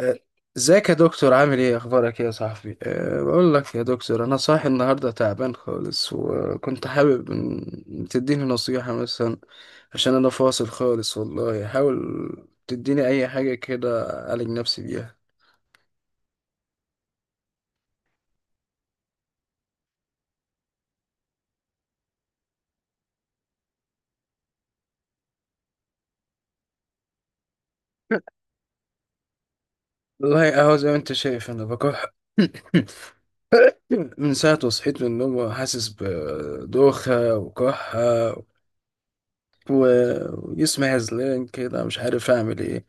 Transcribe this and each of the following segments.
آه، ازيك يا دكتور، عامل ايه؟ اخبارك ايه يا صاحبي؟ بقول لك يا دكتور، انا صاحي النهارده تعبان خالص، وكنت حابب ان تديني نصيحة مثلا، عشان انا فاصل خالص والله. حاول تديني اي حاجة كده اعالج نفسي بيها. والله اهو زي ما انت شايف انا بكح من ساعة ما صحيت من النوم وحاسس بدوخة وكحة، و- وجسمي هزلان كده، مش عارف اعمل ايه.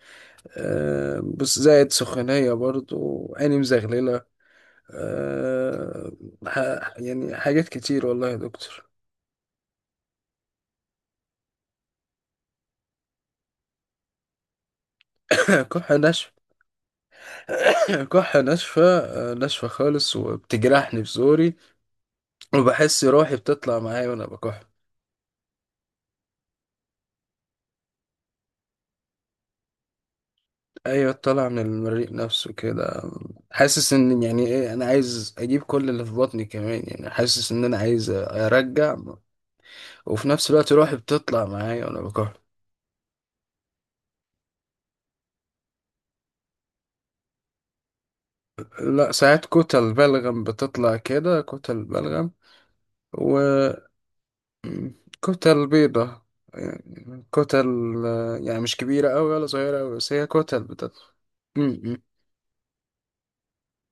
بس زائد سخونية، برضو عيني مزغللة. آه، يعني حاجات كتير والله يا دكتور. كحة ناشفة. كحة ناشفة، ناشفة خالص، وبتجرحني في زوري، وبحس روحي بتطلع معايا وأنا بكح. أيوة، طالعة من المريء نفسه كده. حاسس إن يعني إيه، أنا عايز أجيب كل اللي في بطني كمان، يعني حاسس إن أنا عايز أرجع، وفي نفس الوقت روحي بتطلع معايا وأنا بكح. لا، ساعات كتل بلغم بتطلع كده، كتل بلغم، وكتل بيضة، يعني كتل، يعني مش كبيرة أوي ولا صغيرة أوي، بس هي كتل بتطلع. م-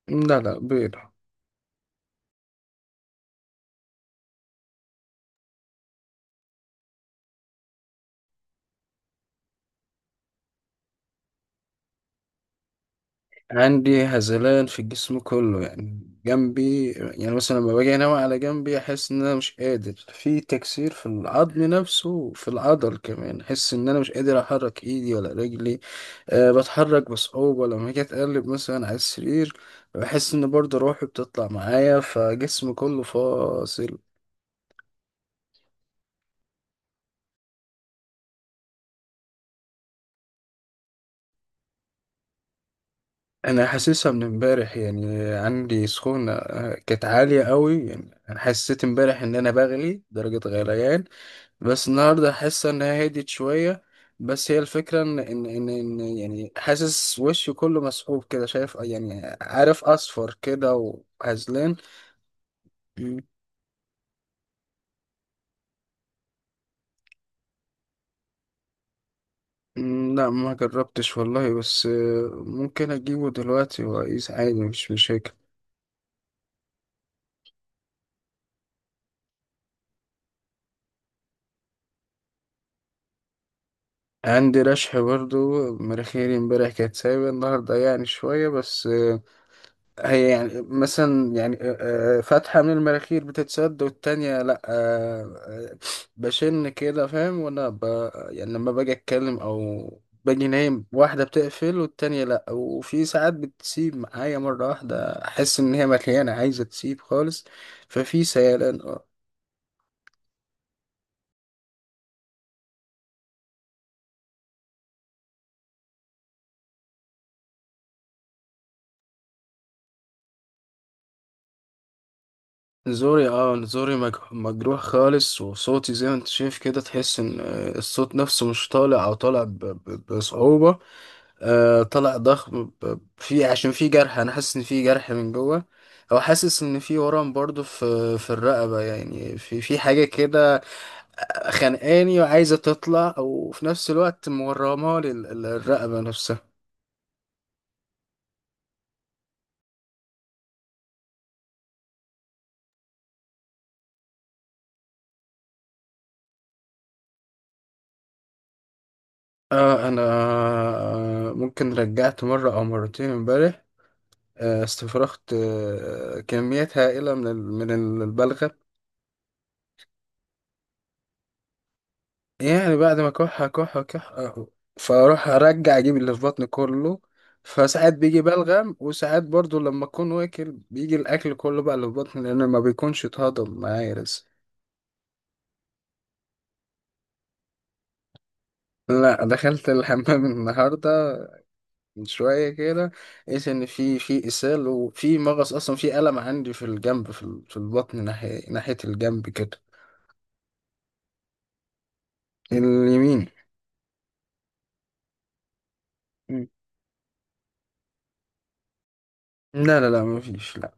م. لا لا، بيضة. عندي هزلان في الجسم كله، يعني جنبي، يعني مثلا لما باجي انام على جنبي احس ان انا مش قادر، في تكسير في العظم نفسه وفي العضل كمان، احس ان انا مش قادر احرك ايدي ولا رجلي. أه، بتحرك بصعوبة لما اجي اتقلب مثلا على السرير، بحس ان برضه روحي بتطلع معايا، فجسم كله فاصل. انا حاسسها من امبارح، يعني عندي سخونة، كانت عالية قوي، يعني انا حسيت امبارح ان انا بغلي درجة غليان، بس النهارده حاسه ان هي هديت شويه. بس هي الفكره إن يعني حاسس وشي كله مسحوب كده، شايف، يعني عارف اصفر كده وهزلان. م- لا، ما جربتش والله، بس ممكن اجيبه دلوقتي واقيس عادي، مش مشاكل. عندي رشح برضو، مناخيري امبارح كانت سايبة، النهارده يعني شويه بس. هي يعني مثلا، يعني فتحة من المناخير بتتسد والتانية لأ. آه، بشن كده، فاهم؟ وأنا يعني لما باجي أتكلم، أو باجي نايم، واحدة بتقفل والتانية لأ، وفي ساعات بتسيب معايا مرة واحدة، أحس إن هي مليانة عايزة تسيب خالص. ففي سيلان اه. نزوري مجروح خالص، وصوتي زي ما انت شايف كده، تحس ان الصوت نفسه مش طالع، او طالع بصعوبة. طلع ضخم في، عشان في جرح، انا حاسس ان في جرح من جوه، او حاسس ان في ورم برضو في الرقبه، يعني في حاجه كده خانقاني وعايزه تطلع، او في نفس الوقت مورمه لي الرقبه نفسها. انا، ممكن رجعت مره او مرتين امبارح، استفرغت كميات هائله من من البلغم. يعني بعد ما كح كح كح، فاروح ارجع اجيب اللي في بطني كله، فساعات بيجي بلغم، وساعات برضو لما اكون واكل بيجي الاكل كله بقى اللي في بطني، لان ما بيكونش اتهضم معايا لسه. لا، دخلت الحمام النهارده من شويه كده، لقيت ان في اسهال وفي مغص، اصلا في الم عندي في الجنب، في البطن، ناحيه الجنب كده. اليمين. مم. لا لا لا، ما فيش، لا.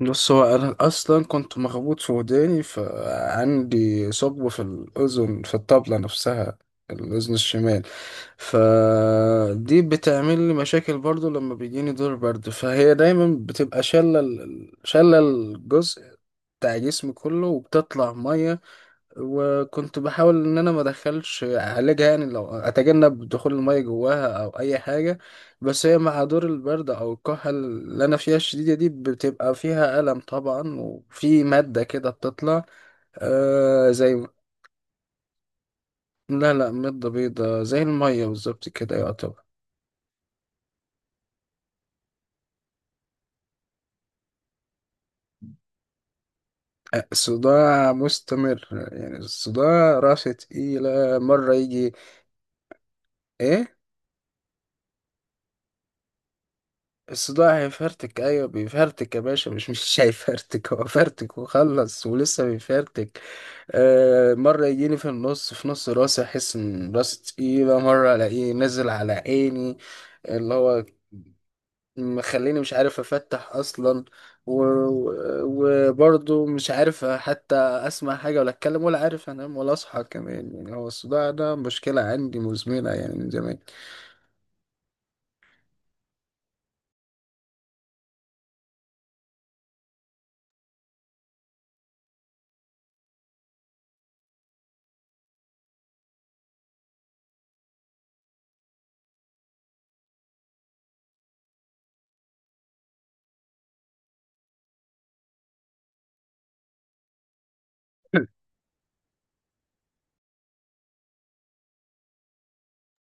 بص، هو انا اصلا كنت مخبوط في وداني، فعندي ثقب في الاذن، في الطبله نفسها، الاذن الشمال. فدي بتعمل لي مشاكل برضو، لما بيجيني دور برد فهي دايما بتبقى شاله شاله الجزء بتاع جسمي كله، وبتطلع ميه. وكنت بحاول ان انا ما ادخلش اعالجها، يعني لو اتجنب دخول المية جواها او اي حاجة، بس هي مع دور البرد او الكحة اللي انا فيها الشديدة دي بتبقى فيها ألم طبعا، وفي مادة كده بتطلع، زي. لا لا، مادة بيضاء زي المية بالظبط كده، يعتبر. صداع مستمر، يعني الصداع راسه تقيلة مرة يجي. ايه؟ الصداع هيفرتك؟ ايوه بيفرتك يا باشا، مش هيفرتك، هو فرتك وخلص، ولسه بيفرتك. آه، مره يجيني في النص، في نص راسي، احس ان راسي تقيله، مره الاقيه نزل على عيني، اللي هو مخليني مش عارف افتح اصلا، و- و- وبرضه مش عارف حتى اسمع حاجه، ولا اتكلم، ولا عارف انام ولا اصحى كمان، يعني هو الصداع ده مشكله عندي مزمنه يعني من زمان.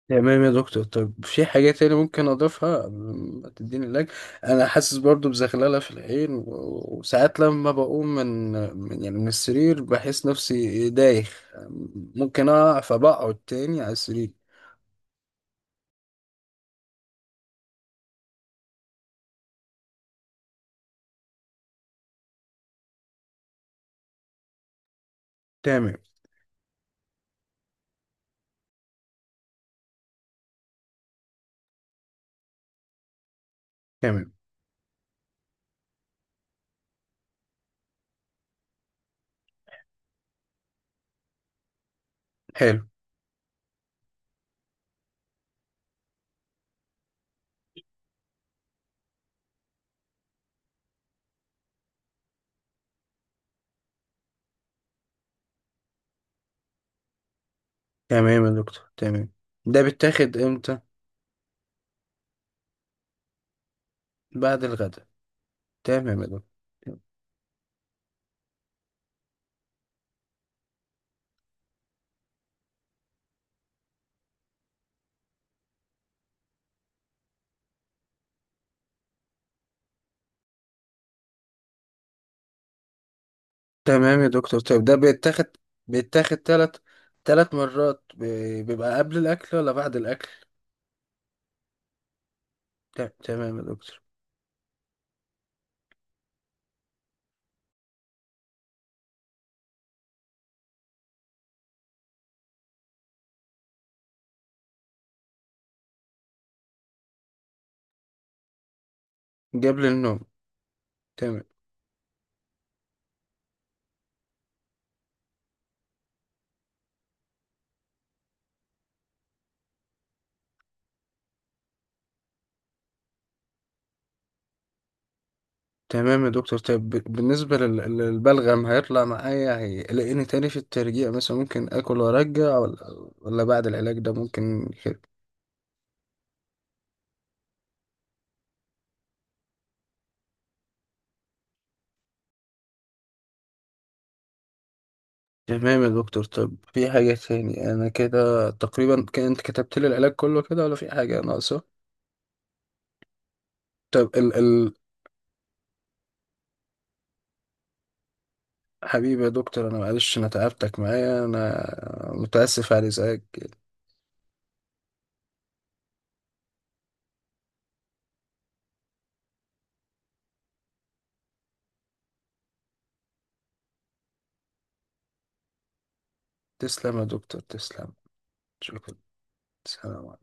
تمام يا دكتور، طب في حاجة تاني ممكن أضيفها قبل ما تديني اللاج. أنا حاسس برضو بزغللة في العين، و- وساعات لما بقوم يعني من السرير بحس نفسي دايخ، ممكن أقع، فبقعد تاني على السرير. تمام. تمام. حلو. تمام يا دكتور. تمام. ده بيتاخد إمتى؟ بعد الغداء. تمام يا دكتور. تمام يا دكتور، طيب ده بيتاخد تلات، مرات بيبقى قبل الأكل ولا بعد الأكل؟ تمام يا دكتور. قبل النوم. تمام. تمام يا دكتور، طيب بالنسبة للبلغم، هيطلع معايا؟ هيلاقيني تاني في الترجيع مثلا؟ ممكن آكل وأرجع؟ ولا بعد العلاج ده ممكن كده؟ تمام يا دكتور، طب في حاجة تاني؟ أنا كده تقريبا، أنت كتبت لي العلاج كله كده ولا في حاجة ناقصة؟ طب ال ال... حبيبي يا دكتور، أنا معلش أنا تعبتك معايا، أنا متأسف على إزعاجك. تسلم يا دكتور، تسلم. شكرا. سلام.